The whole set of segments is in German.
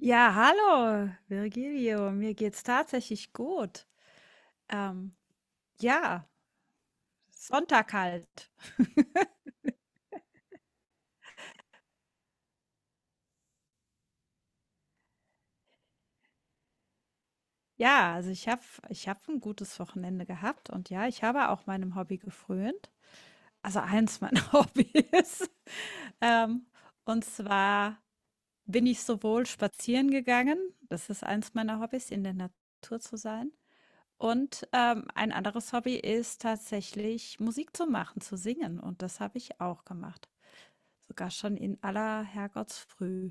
Ja, hallo, Virgilio. Mir geht's tatsächlich gut. Ähm, ja, Sonntag halt. Ja, also ich hab ein gutes Wochenende gehabt, und ja, ich habe auch meinem Hobby gefrönt. Also eins meiner Hobbys. Ähm, und zwar bin ich sowohl spazieren gegangen, das ist eins meiner Hobbys, in der Natur zu sein. Und ein anderes Hobby ist tatsächlich Musik zu machen, zu singen. Und das habe ich auch gemacht. Sogar schon in aller Herrgottsfrüh.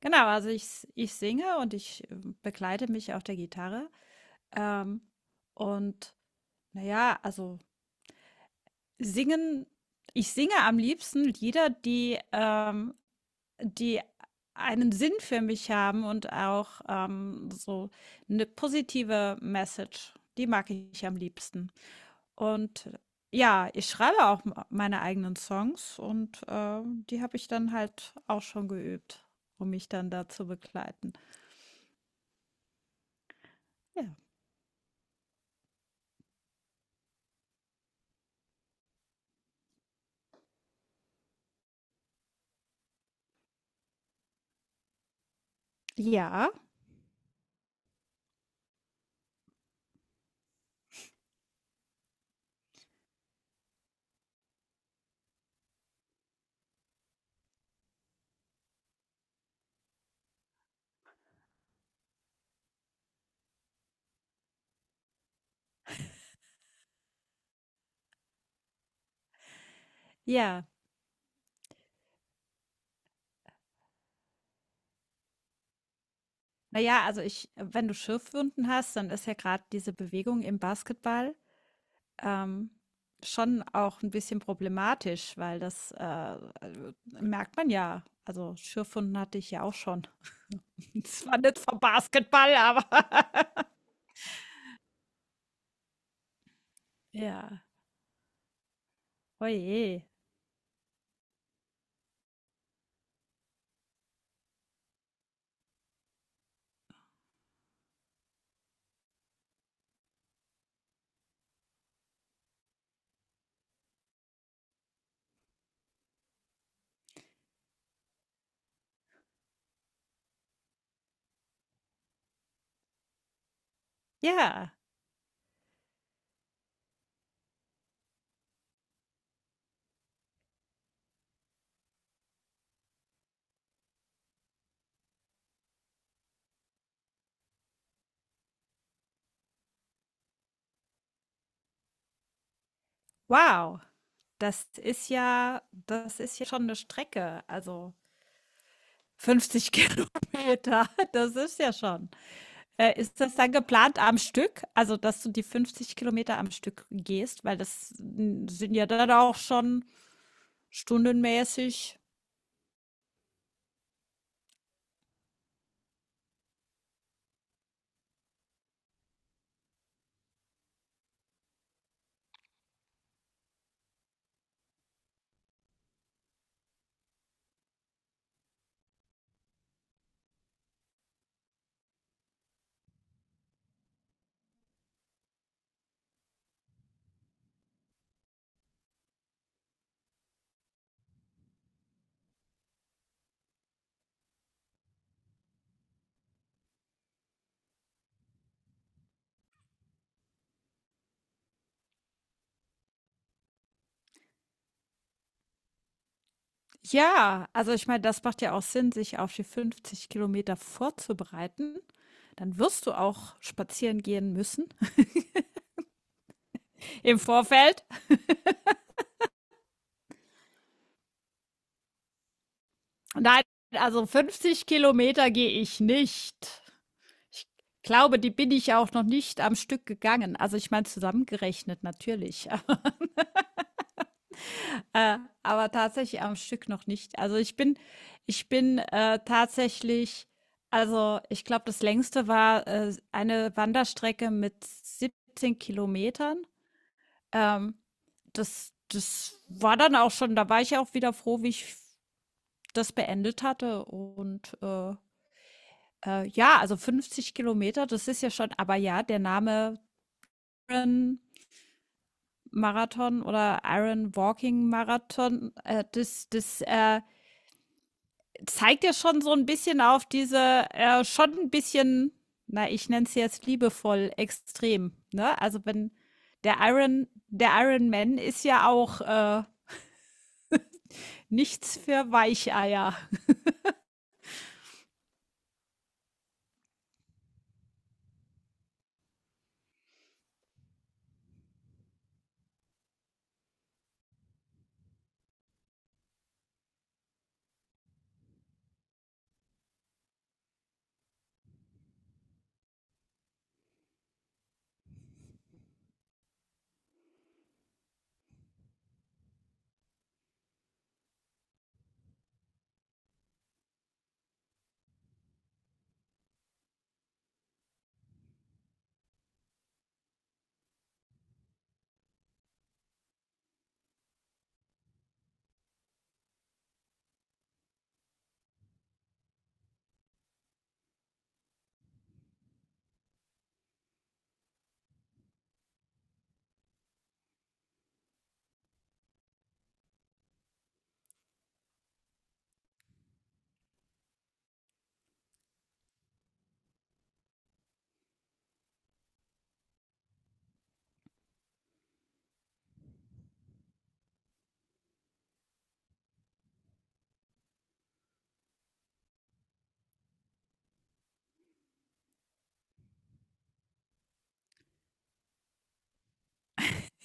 Genau, also ich singe und ich begleite mich auf der Gitarre. Ähm, und naja, also singen, ich singe am liebsten Lieder, die einen Sinn für mich haben und auch so eine positive Message. Die mag ich am liebsten. Und ja, ich schreibe auch m meine eigenen Songs, und die habe ich dann halt auch schon geübt, um mich dann da zu begleiten. Ja. Ja. Ja. Na ja, also ich wenn du Schürfwunden hast, dann ist ja gerade diese Bewegung im Basketball ähm, schon auch ein bisschen problematisch, weil das, merkt man ja. Also, Schürfwunden hatte ich ja auch schon. Zwar nicht vom Basketball, aber ja. Oje. Ja. Wow, das ist ja das ist ja schon eine Strecke. Also 50 Kilometer, das ist ja schon. Ist das dann geplant am Stück? Also, dass du die 50 Kilometer am Stück gehst, weil das sind ja dann auch schon stundenmäßig. Ja, also ich meine, das macht ja auch Sinn, sich auf die 50 Kilometer vorzubereiten. Dann wirst du auch spazieren gehen müssen im Vorfeld. Nein, also 50 Kilometer gehe ich nicht. Ich glaube, die bin ich auch noch nicht am Stück gegangen. Also ich meine, zusammengerechnet natürlich, äh, aber tatsächlich am Stück noch nicht. Also ich bin tatsächlich, also ich glaube, das längste war eine Wanderstrecke mit 17 Kilometern. Ähm, das war dann auch schon, da war ich auch wieder froh, wie ich das beendet hatte. Und ja, also 50 Kilometer, das ist ja schon. Aber ja, der Name Iron Marathon oder Iron Walking Marathon, das zeigt ja schon so ein bisschen auf diese schon ein bisschen, na, ich nenne es jetzt liebevoll, extrem. Ne? Also wenn der Iron Man ist ja auch nichts für Weicheier.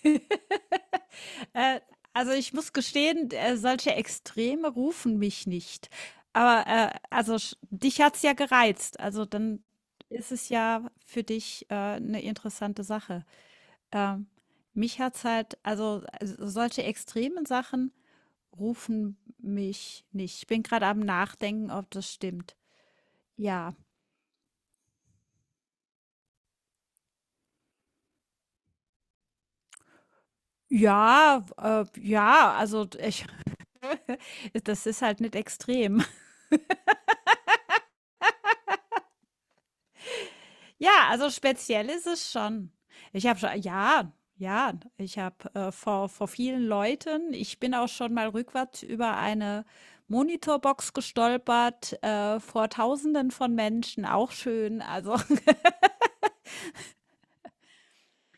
Äh, also ich muss gestehen, solche Extreme rufen mich nicht. Aber also sch dich hat's ja gereizt. Also dann ist es ja für dich 'ne interessante Sache. Ähm, Mich hat's halt, also solche extremen Sachen rufen mich nicht. Ich bin gerade am Nachdenken, ob das stimmt. Ja. Ja, ja, also ich das ist halt nicht extrem. Ja, also speziell ist es schon. Ich habe schon, ja, ja, ich habe vor vielen Leuten, ich bin auch schon mal rückwärts über eine Monitorbox gestolpert, vor Tausenden von Menschen, auch schön. Also,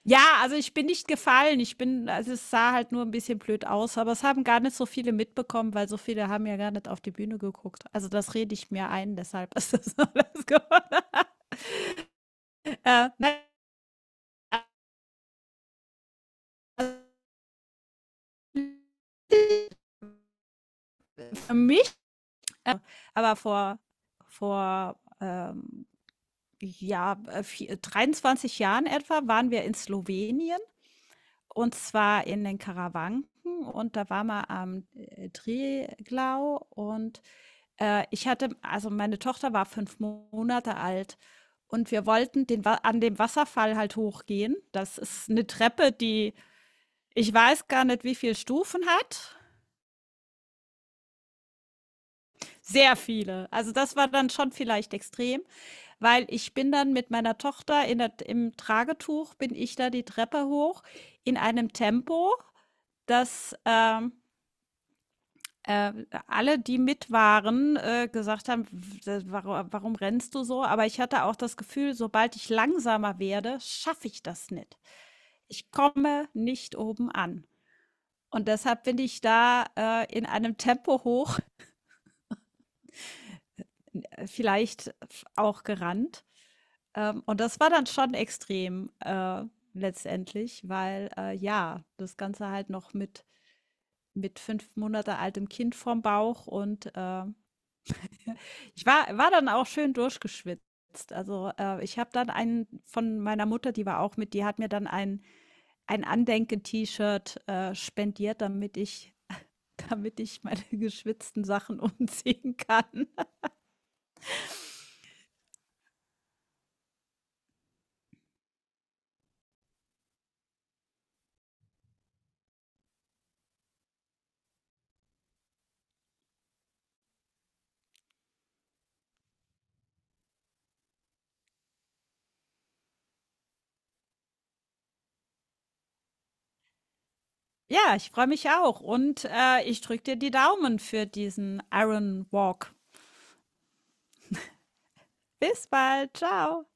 ja, also ich bin nicht gefallen. Ich bin, also, es sah halt nur ein bisschen blöd aus, aber es haben gar nicht so viele mitbekommen, weil so viele haben ja gar nicht auf die Bühne geguckt. Also, das rede ich mir ein, deshalb ist das alles geworden. Nein, also für mi Aber vor 23 Jahren etwa waren wir in Slowenien, und zwar in den Karawanken, und da waren wir am Triglau. Und ich hatte, also meine Tochter war 5 Monate alt, und wir wollten an dem Wasserfall halt hochgehen. Das ist eine Treppe, die, ich weiß gar nicht, wie viele Stufen hat. Sehr viele. Also das war dann schon vielleicht extrem. Weil ich bin dann mit meiner Tochter in der, im Tragetuch, bin ich da die Treppe hoch in einem Tempo, dass äh, alle, die mit waren, gesagt haben: „W d Warum rennst du so?" Aber ich hatte auch das Gefühl, sobald ich langsamer werde, schaffe ich das nicht. Ich komme nicht oben an. Und deshalb bin ich da in einem Tempo hoch, vielleicht auch gerannt. Und das war dann schon extrem, letztendlich, weil, ja, das Ganze halt noch mit 5 Monate altem Kind vorm Bauch. Und ich war dann auch schön durchgeschwitzt. Also, ich habe dann einen von meiner Mutter, die war auch mit, die hat mir dann ein Andenken-T-Shirt spendiert, damit ich damit ich meine geschwitzten Sachen umziehen kann. Ja, ich freue mich auch, und ich drücke dir die Daumen für diesen Iron Walk. Bis bald. Ciao.